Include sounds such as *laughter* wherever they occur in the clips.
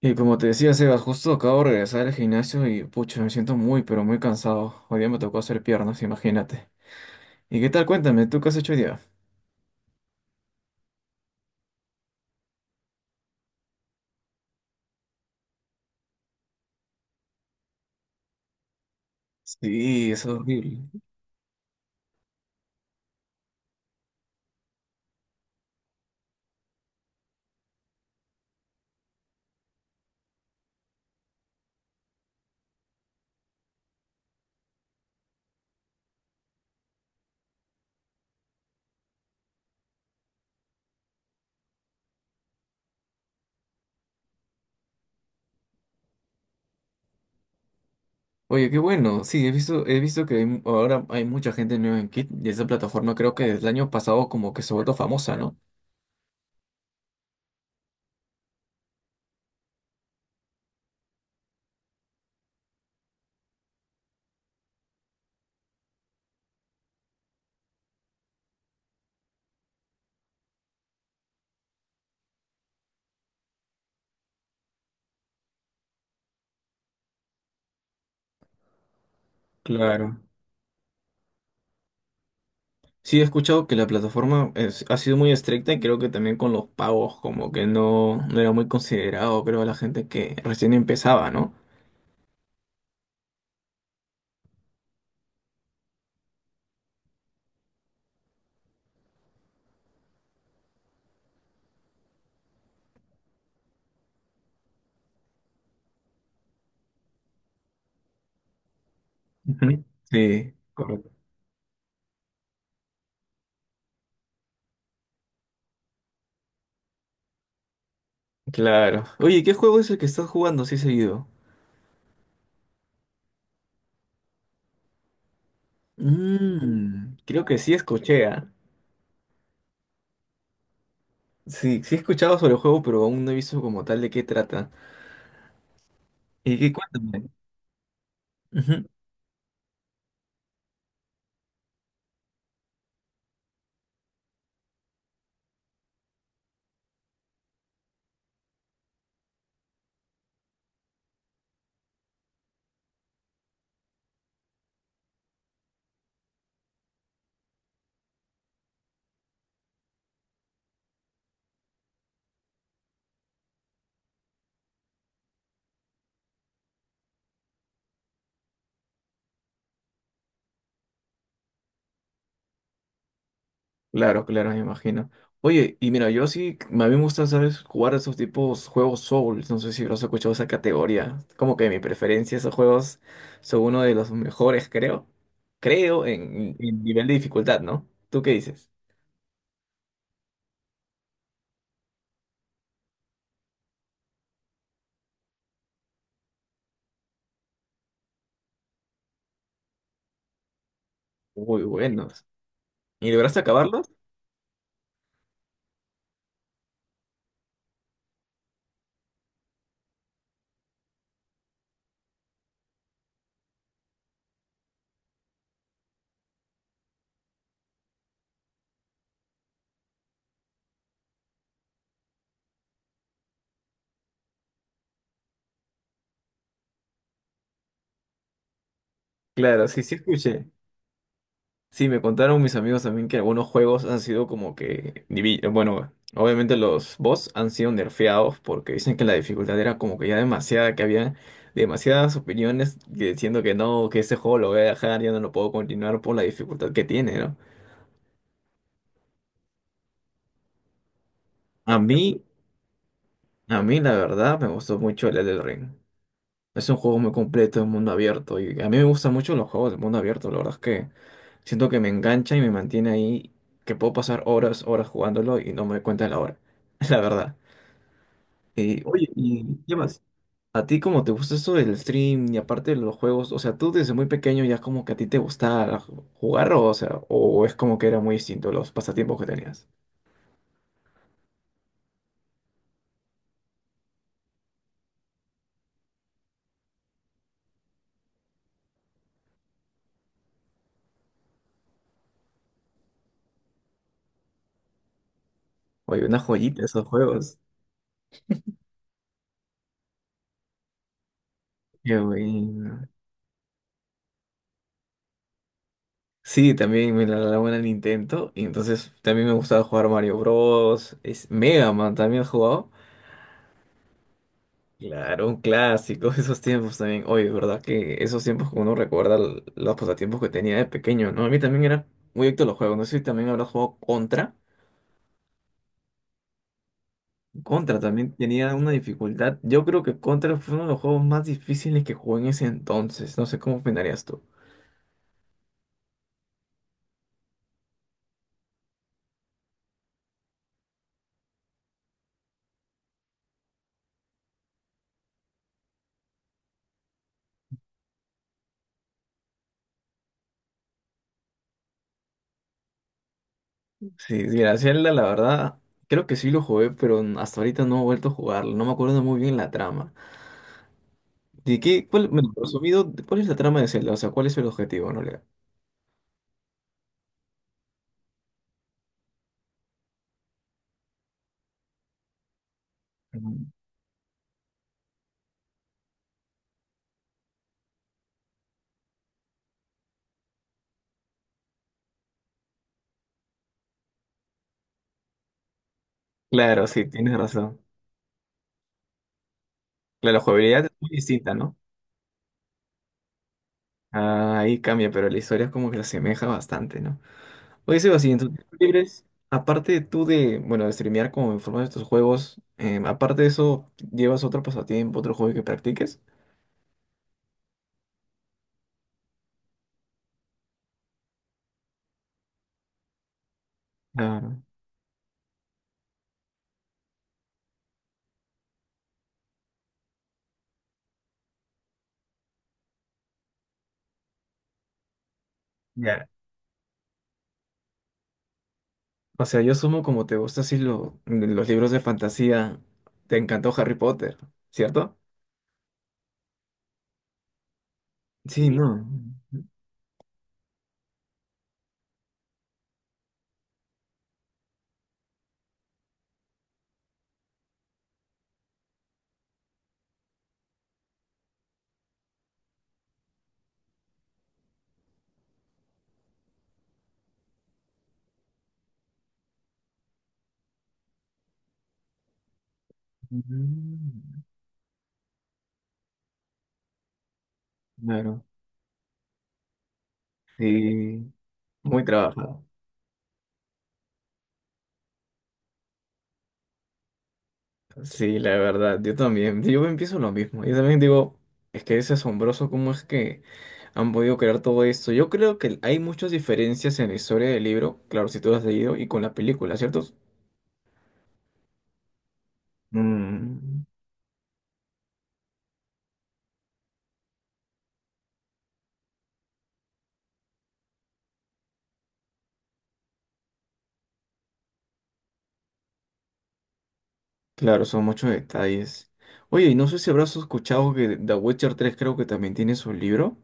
Y como te decía, Sebas, justo acabo de regresar al gimnasio y pucha, me siento muy, pero muy cansado. Hoy día me tocó hacer piernas, imagínate. ¿Y qué tal? Cuéntame, ¿tú qué has hecho hoy día? Sí, es horrible. Oye, qué bueno. Sí, he visto que hay ahora hay mucha gente nueva en Kit y esa plataforma creo que desde el año pasado como que se ha vuelto famosa, ¿no? Claro. Sí, he escuchado que la plataforma ha sido muy estricta y creo que también con los pagos como que no, no era muy considerado, creo, a la gente que recién empezaba, ¿no? Ujú. Sí. Claro. Oye, ¿qué juego es el que estás jugando así seguido? Mmm, creo que sí escuché, ¿ah? Sí, sí he escuchado sobre el juego, pero aún no he visto como tal de qué trata. ¿Y qué cuéntame? Ujú. Claro, claro, me imagino. Oye, y mira, yo sí, a mí me gusta, ¿sabes? Jugar esos tipos juegos Souls. No sé si habrás escuchado esa categoría. Como que mi preferencia, esos juegos son uno de los mejores, creo. Creo en nivel de dificultad, ¿no? ¿Tú qué dices? Muy buenos. ¿Y lograste acabarlos? Claro, sí, sí escuché. Sí, me contaron mis amigos también que algunos juegos han sido como que, bueno, obviamente los boss han sido nerfeados porque dicen que la dificultad era como que ya demasiada, que había demasiadas opiniones diciendo que no, que ese juego lo voy a dejar, ya no lo puedo continuar por la dificultad que tiene, ¿no? A mí, a mí la verdad me gustó mucho el Elden Ring. Es un juego muy completo, un mundo abierto y a mí me gustan mucho los juegos de mundo abierto, la verdad es que siento que me engancha y me mantiene ahí, que puedo pasar horas, horas jugándolo y no me doy cuenta de la hora, *laughs* la verdad. Oye, y ¿qué más? ¿A ti cómo te gusta esto del stream y aparte de los juegos? O sea, tú desde muy pequeño ya como que a ti te gustaba jugar o sea, o es como que era muy distinto los pasatiempos que tenías. Oye, una joyita esos juegos. Qué bueno. Sí, también me la daba una Nintendo y entonces también me gustaba jugar Mario Bros. Es Mega Man, también he jugado. Claro, un clásico, *laughs* esos tiempos también. Oye, verdad que esos tiempos que uno recuerda los pasatiempos que tenía de pequeño, ¿no? A mí también era muy adicto a los juegos. No sé si también habrás jugado Contra. Contra también tenía una dificultad. Yo creo que Contra fue uno de los juegos más difíciles que jugué en ese entonces. No sé cómo opinarías tú. Sí, mira, Zelda, la verdad, creo que sí lo jugué, pero hasta ahorita no he vuelto a jugarlo. No me acuerdo muy bien la trama. ¿De qué? ¿Cuál, bueno, resumido, cuál es la trama de Zelda? O sea, ¿cuál es el objetivo en realidad? Ujú. Claro, sí, tienes razón. Claro, la jugabilidad es muy distinta, ¿no? Ah, ahí cambia, pero la historia es como que se asemeja bastante, ¿no? Oye, Sebas, y en tus tiempos libres, aparte tú de, bueno, de streamear como en forma de estos juegos, aparte de eso, ¿llevas otro pasatiempo, otro juego que practiques? Ah, ya. O sea, yo sumo como te gusta así los libros de fantasía, te encantó Harry Potter, ¿cierto? Sí, sí. No. Mm. Claro. Sí, muy trabajado. Sí, la verdad, yo también, yo empiezo lo mismo. Yo también digo, es que es asombroso cómo es que han podido crear todo esto. Yo creo que hay muchas diferencias en la historia del libro, claro, si tú lo has leído, y con la película, ¿cierto? Mm, claro, son muchos detalles. Oye, y no sé si habrás escuchado que The Witcher 3 creo que también tiene su libro.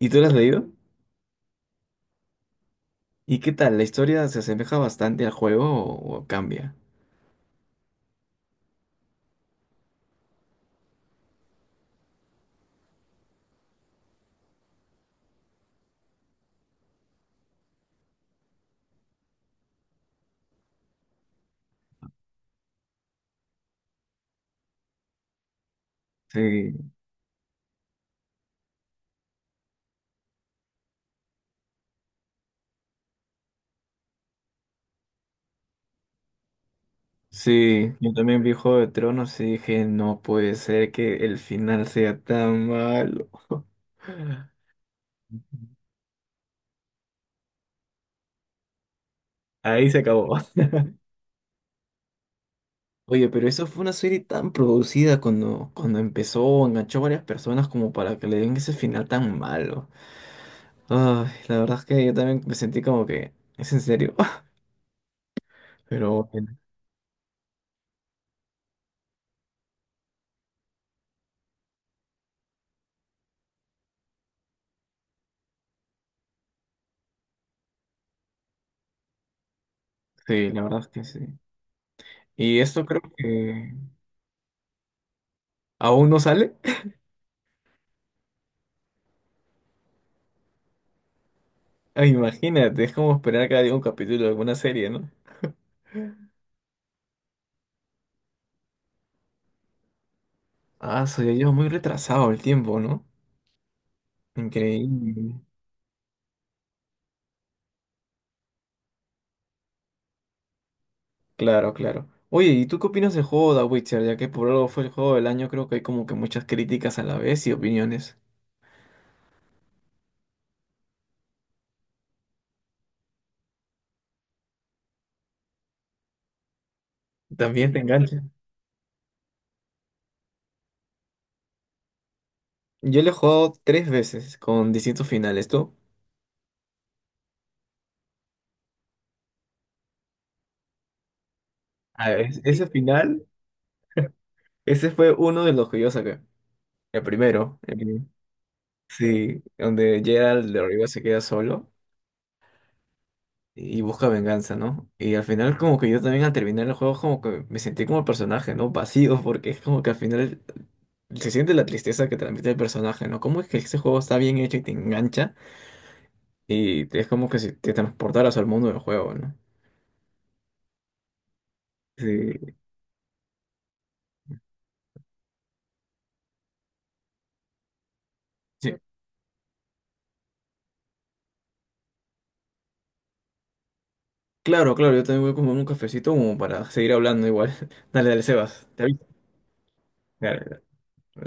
¿Y tú lo has leído? ¿Y qué tal? ¿La historia se asemeja bastante al juego o cambia? Sí. Sí, yo también vi Juego de Tronos y dije, no puede ser que el final sea tan malo. *laughs* Ahí se acabó. *laughs* Oye, pero eso fue una serie tan producida cuando empezó, enganchó a varias personas como para que le den ese final tan malo. Ay, la verdad es que yo también me sentí como que, es en serio. *laughs* Pero bueno, sí, la verdad es que sí. Y esto creo que aún no sale. *laughs* Ah, imagínate, es como esperar cada día un capítulo de alguna serie, ¿no? Ah, soy yo muy retrasado el tiempo, ¿no? Increíble. Claro, claro. Oye, ¿y tú qué opinas del juego de Witcher? Ya que por algo fue el juego del año, creo que hay como que muchas críticas a la vez y opiniones. También te engancha. Yo lo he jugado tres veces con distintos finales. ¿Tú? A ver, ese final, ese fue uno de los que yo saqué. El primero. Sí, donde Geralt de Rivia se queda solo y busca venganza, ¿no? Y al final como que yo también al terminar el juego como que me sentí como el personaje, ¿no? Vacío, *laughs* porque es como que al final se siente la tristeza que transmite el personaje, ¿no? ¿Cómo es que ese juego está bien hecho y te engancha y es como que si te transportaras al mundo del juego, ¿no? Sí, sí. Claro, claro, yo también voy como en un cafecito como para seguir hablando igual. *laughs* Dale, dale, Sebas. Te aviso. Dale, dale.